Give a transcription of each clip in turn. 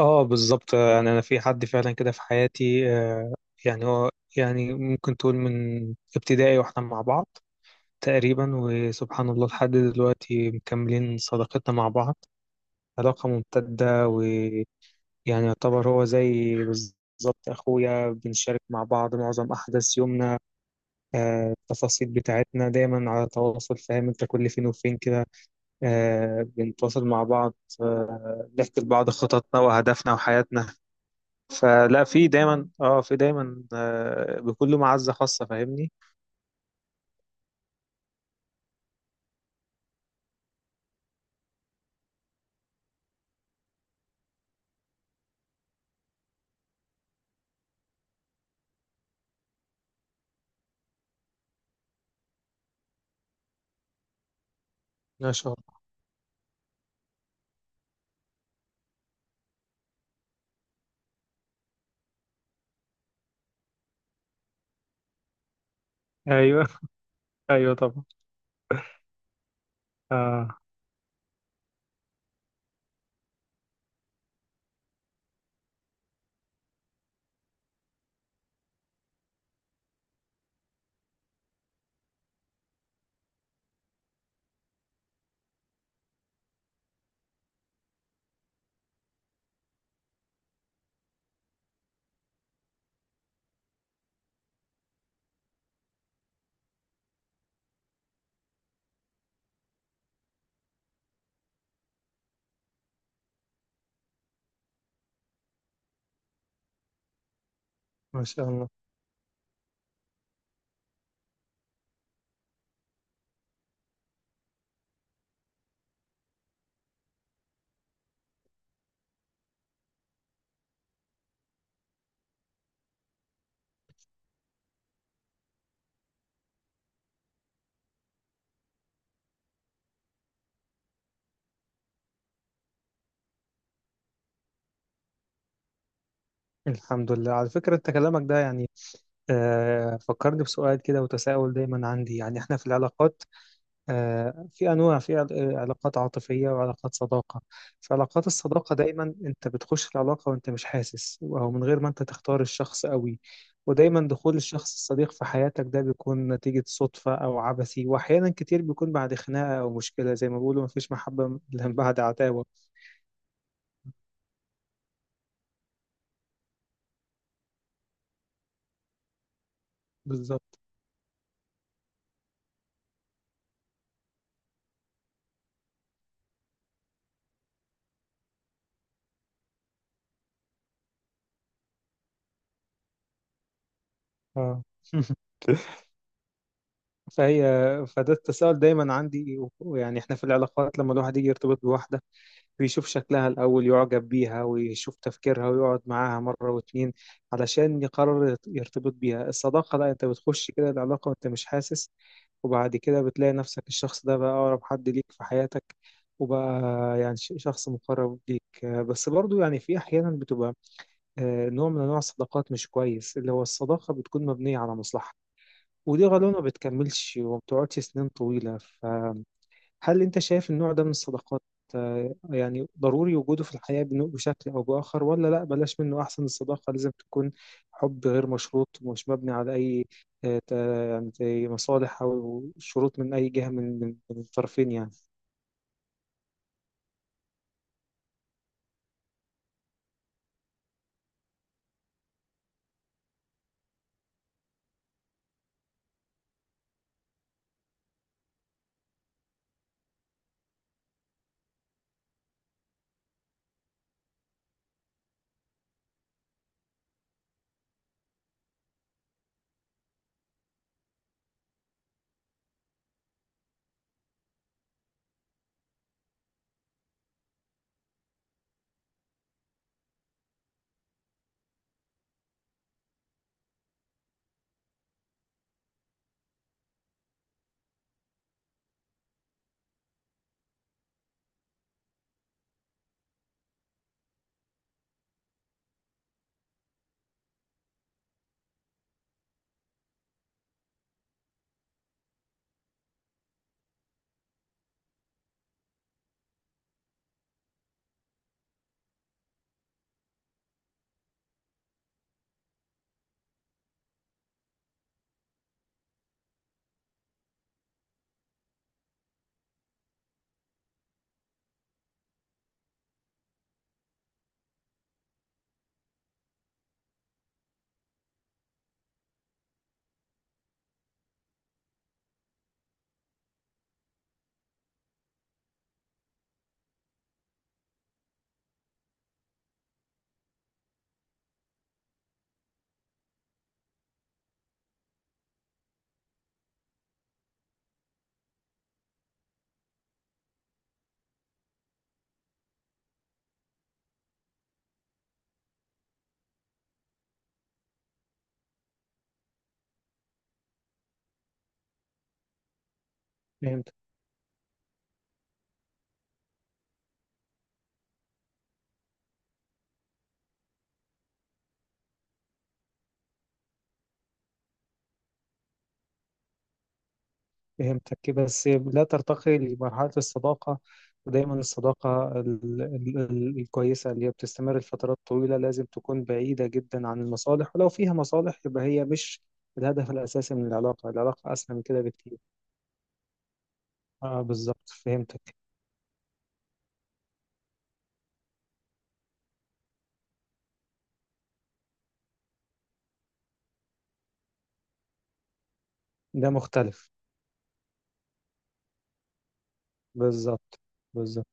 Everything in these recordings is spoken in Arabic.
اه، بالظبط، يعني انا في حد فعلا كده في حياتي. آه، يعني هو يعني ممكن تقول من ابتدائي واحنا مع بعض تقريبا، وسبحان الله لحد دلوقتي مكملين صداقتنا مع بعض. علاقة ممتدة، ويعني يعتبر هو زي بالظبط اخويا، بنشارك مع بعض معظم احداث يومنا. التفاصيل بتاعتنا دايما على تواصل، فاهم انت، كل فين وفين كده بنتواصل مع بعض، بنحكي لبعض خططنا واهدافنا وحياتنا. فلا في دايما بكل معزة خاصة، فاهمني. ما شاء الله. ايوه. ايوه طبعا. اه، ما شاء الله. الحمد لله. على فكرة، انت كلامك ده يعني فكرني بسؤال كده، وتساؤل دايما عندي، يعني احنا في العلاقات، في أنواع، في عل- آه، علاقات عاطفية وعلاقات صداقة. في علاقات الصداقة دايما أنت بتخش العلاقة وأنت مش حاسس، أو من غير ما أنت تختار الشخص قوي. ودايما دخول الشخص الصديق في حياتك ده بيكون نتيجة صدفة أو عبثي، وأحيانا كتير بيكون بعد خناقة أو مشكلة، زي ما بيقولوا: مفيش محبة إلا بعد عتاوة. بالظبط. آه. فهي فده التساؤل دايما عندي، ويعني احنا في العلاقات، لما الواحد يجي يرتبط بواحدة بيشوف شكلها الأول، يعجب بيها، ويشوف تفكيرها، ويقعد معاها مرة واتنين علشان يقرر يرتبط بيها. الصداقة لا، أنت بتخش كده العلاقة وأنت مش حاسس، وبعد كده بتلاقي نفسك الشخص ده بقى أقرب حد ليك في حياتك، وبقى يعني شخص مقرب ليك، بس برضو يعني في أحيانا بتبقى نوع من أنواع الصداقات مش كويس، اللي هو الصداقة بتكون مبنية على مصلحة، ودي غالبا ما بتكملش وما بتقعدش سنين طويلة. هل أنت شايف النوع ده من الصداقات يعني ضروري وجوده في الحياة بشكل أو بآخر، ولا لأ بلاش منه أحسن؟ الصداقة لازم تكون حب غير مشروط ومش مبني على أي، آه، ت- يعني زي مصالح أو شروط من أي جهة، من الطرفين يعني. فهمت. فهمتك كده، بس لا ترتقي لمرحلة الصداقة. ودايما الصداقة الكويسة، اللي هي بتستمر لفترات طويلة، لازم تكون بعيدة جدا عن المصالح، ولو فيها مصالح يبقى هي مش الهدف الأساسي من العلاقة. العلاقة أسمى من كده بكتير. اه، بالظبط، فهمتك. ده مختلف. بالظبط. بالظبط،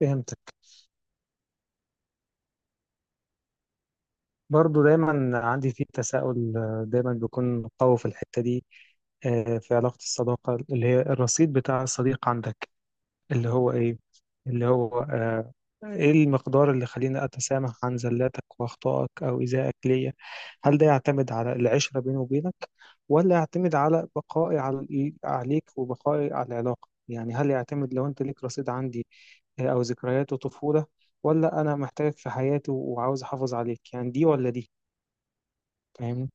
فهمتك. برضو دايما عندي فيه تساؤل، دايما بيكون قوي في الحتة دي، في علاقة الصداقة، اللي هي الرصيد بتاع الصديق عندك. اللي هو إيه اللي هو آه، إيه المقدار اللي خليني أتسامح عن زلاتك وأخطائك أو إيذائك ليا؟ هل ده يعتمد على العشرة بيني وبينك، ولا يعتمد على بقائي عليك وبقائي على العلاقة؟ يعني هل يعتمد لو أنت ليك رصيد عندي أو ذكريات وطفولة، ولا أنا محتاجك في حياتي وعاوز أحافظ عليك؟ يعني دي ولا دي؟ فاهمني.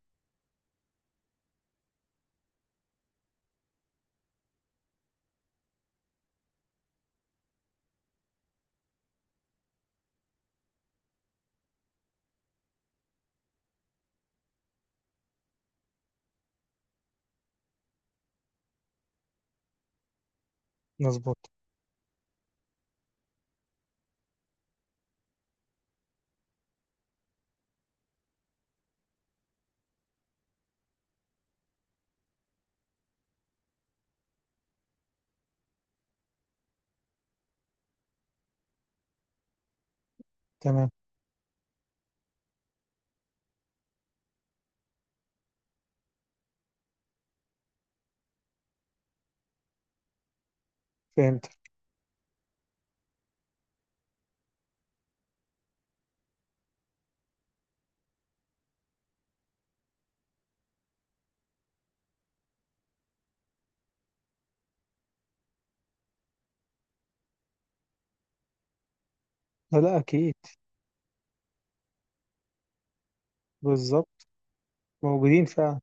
مظبوط. تمام. فهمت. لا لا، أكيد. بالظبط. موجودين فعلا.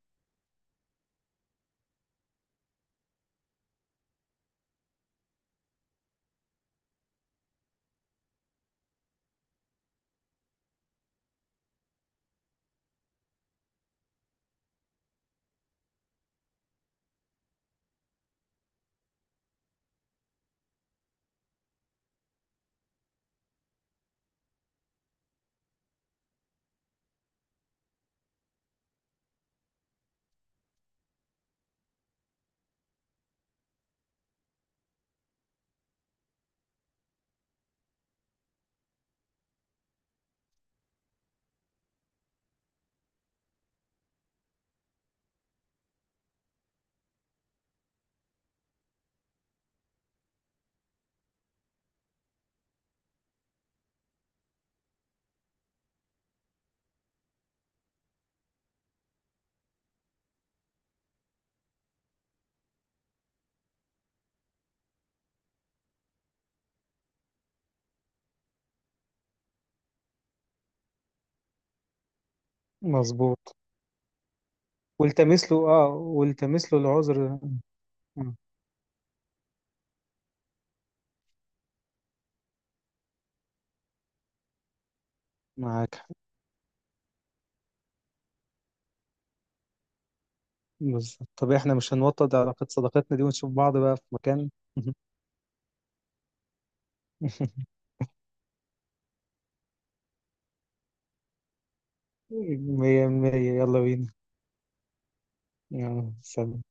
مظبوط. والتمس له العذر. آه، معاك حق. بالظبط. طب احنا مش هنوطد علاقة صداقتنا دي ونشوف بعض بقى في مكان؟ مية مية. يلا بينا. يلا سلام.